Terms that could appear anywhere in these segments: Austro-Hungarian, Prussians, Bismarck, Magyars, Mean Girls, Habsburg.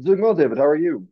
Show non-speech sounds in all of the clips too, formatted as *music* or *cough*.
Doing well, David. How are you?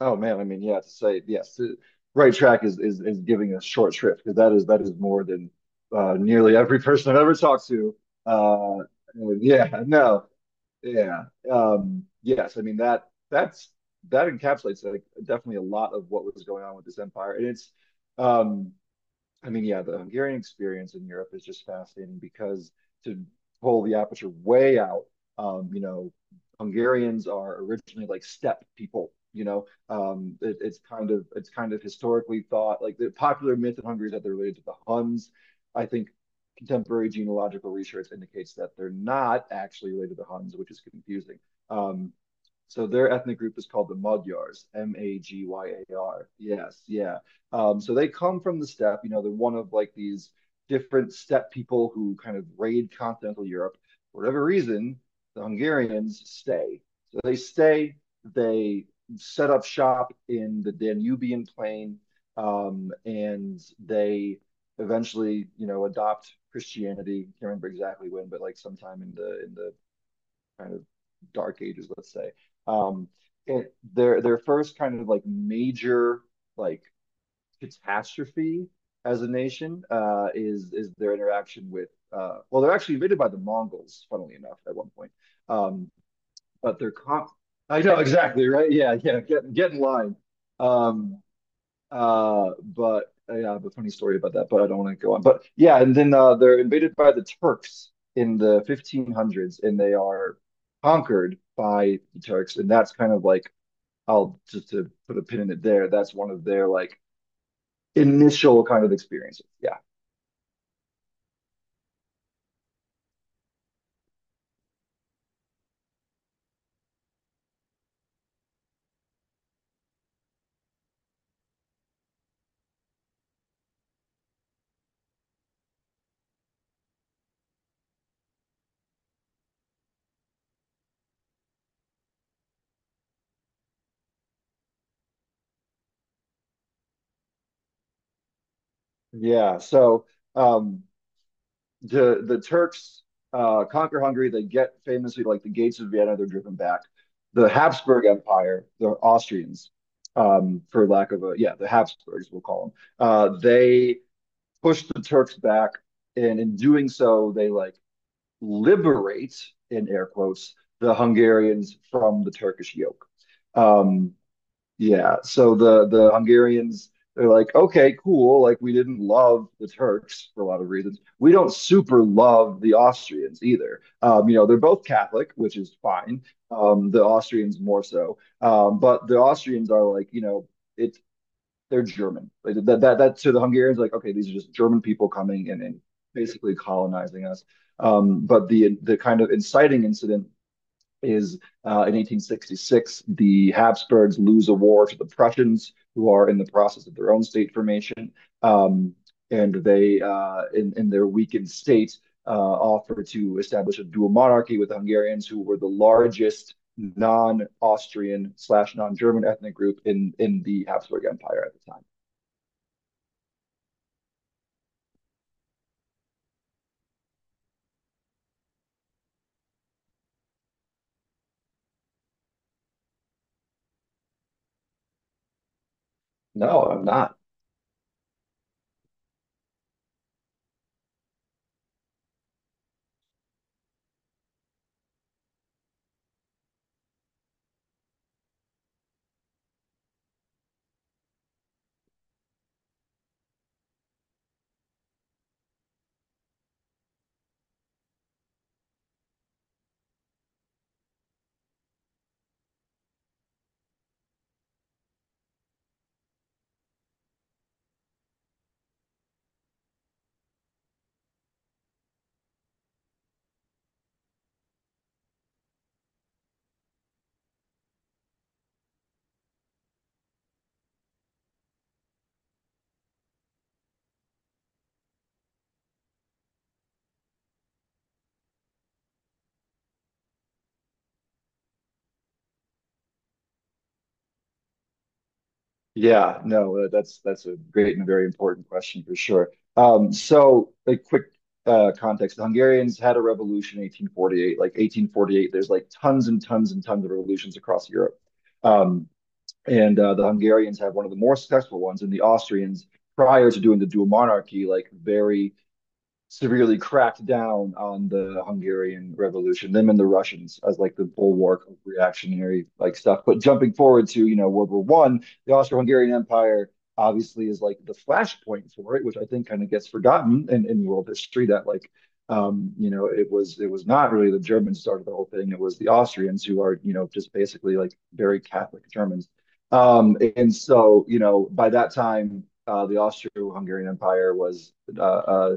Oh man, I mean, yeah, to say right track is giving us short shrift, because that is more than nearly every person I've ever talked to. Uh, yeah, *laughs* no, yeah, yes. I mean that that's that encapsulates, like, definitely a lot of what was going on with this empire, and it's um, I mean, yeah, the Hungarian experience in Europe is just fascinating because to pull the aperture way out, you know, Hungarians are originally, like, steppe people. You know, it's kind of historically thought, like, the popular myth in Hungary is that they're related to the Huns. I think contemporary genealogical research indicates that they're not actually related to the Huns, which is confusing. Um, so their ethnic group is called the Magyars, Magyar. Yes, yeah. So they come from the steppe. You know, they're one of, like, these different steppe people who kind of raid continental Europe. For whatever reason, the Hungarians stay. So they stay. They set up shop in the Danubian plain, and they eventually, you know, adopt Christianity. Can't remember exactly when, but, like, sometime in the kind of dark ages, let's say. Um, and their first kind of, like, major, like, catastrophe as a nation is their interaction with well, they're actually invaded by the Mongols, funnily enough, at one point um, but they're con I know, exactly, right, yeah, yeah, get in line. Um, but Yeah, I have a funny story about that, but I don't want to go on. But yeah, and then they're invaded by the Turks in the 1500s, and they are conquered by the Turks, and that's kind of like, I'll just to put a pin in it there. That's one of their, like, initial kind of experiences. Yeah. Yeah. So um, the Turks conquer Hungary. They get, famously, like, the gates of Vienna. They're driven back. The Habsburg Empire, the Austrians, for lack of a yeah, the Habsburgs, we'll call them. They push the Turks back, and in doing so, they, like, liberate, in air quotes, the Hungarians from the Turkish yoke. Um, Yeah, so the Hungarians, they're like, okay, cool. Like, we didn't love the Turks for a lot of reasons. We don't super love the Austrians either. You know, they're both Catholic, which is fine. The Austrians more so, but the Austrians are like, you know, it's they're German. Like, that to the Hungarians, like, okay, these are just German people coming in and basically colonizing us. But the kind of inciting incident is in 1866, the Habsburgs lose a war to the Prussians, who are in the process of their own state formation. Um, and they, in their weakened state, offer to establish a dual monarchy with the Hungarians, who were the largest non-Austrian slash non-German ethnic group in the Habsburg Empire at the time. No, I'm not. Yeah, no, that's a great and a very important question for sure. So a quick context: the Hungarians had a revolution in 1848. Like, 1848, there's, like, tons and tons and tons of revolutions across Europe, um, and the Hungarians have one of the more successful ones. And the Austrians, prior to doing the dual monarchy, like, very severely cracked down on the Hungarian Revolution, them and the Russians as, like, the bulwark of reactionary, like, stuff. But jumping forward to, you know, World War One, the Austro-Hungarian Empire obviously is, like, the flashpoint for it, which I think kind of gets forgotten in world history. That like, you know, it was not really the Germans started the whole thing. It was the Austrians, who are, you know, just basically, like, very Catholic Germans. And so, you know, by that time, the Austro-Hungarian Empire was uh, uh,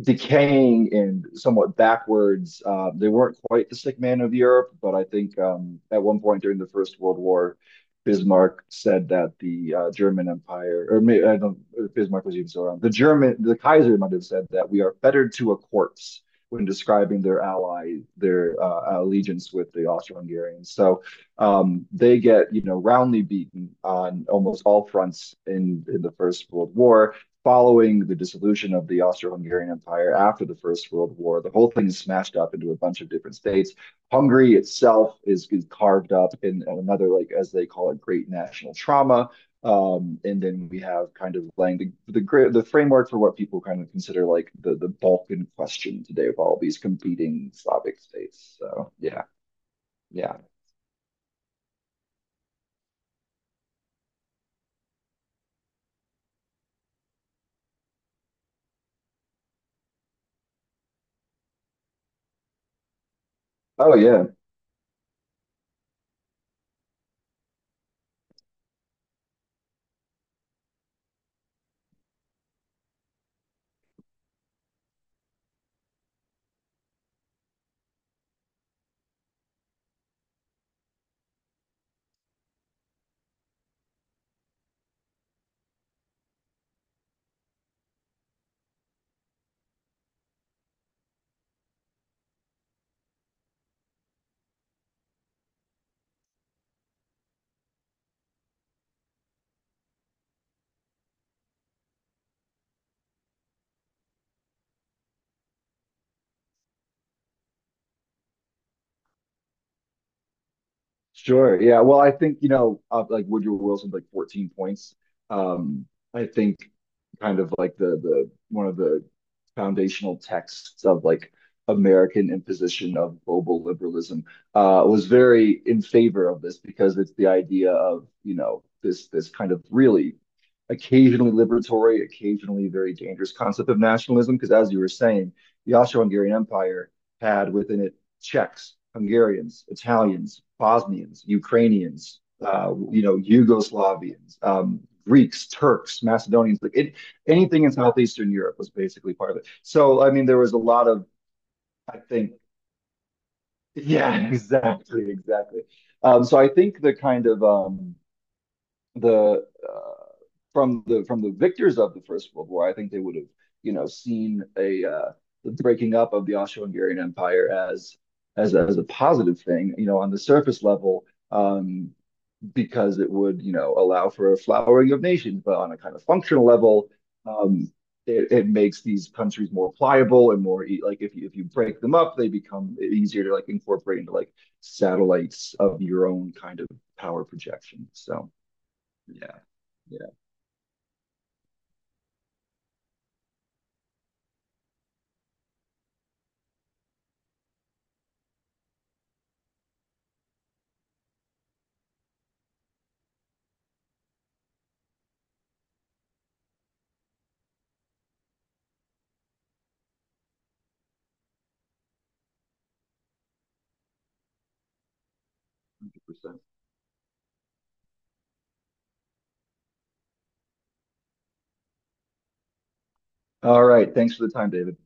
decaying and somewhat backwards. They weren't quite the sick man of Europe, but I think, at one point during the First World War, Bismarck said that the German Empire, or maybe, I don't know if Bismarck was even still around. The German, the Kaiser might have said that we are fettered to a corpse when describing their ally, their allegiance with the Austro-Hungarians. So they get, you know, roundly beaten on almost all fronts in the First World War, following the dissolution of the Austro-Hungarian Empire after the First World War. The whole thing is smashed up into a bunch of different states. Hungary itself is carved up in another, like, as they call it, great national trauma. And then we have kind of laying the framework for what people kind of consider, like, the Balkan question today, with all these competing Slavic states. So yeah, yeah. Oh yeah. Sure. Yeah. Well, I think, you know, like, Woodrow Wilson's like 14 points. Um, I think kind of like the one of the foundational texts of, like, American imposition of global liberalism was very in favor of this, because it's the idea of, you know, this kind of really occasionally liberatory, occasionally very dangerous concept of nationalism. Because, as you were saying, the Austro-Hungarian Empire had within it Czechs, Hungarians, Italians, Bosnians, Ukrainians, you know, Yugoslavians, Greeks, Turks, Macedonians, like, it, anything in Southeastern Europe was basically part of it. So, I mean, there was a lot of, I think, *laughs* yeah, exactly, exactly. So I think the kind of the from the from the victors of the First World War, I think they would have, you know, seen a the breaking up of the Austro-Hungarian Empire as as a positive thing, you know, on the surface level, um, because it would, you know, allow for a flowering of nations, but on a kind of functional level. Um, it, it makes these countries more pliable and more like, if you break them up, they become easier to, like, incorporate into, like, satellites of your own kind of power projection. So yeah. Yeah, 100%. All right. Thanks for the time, David.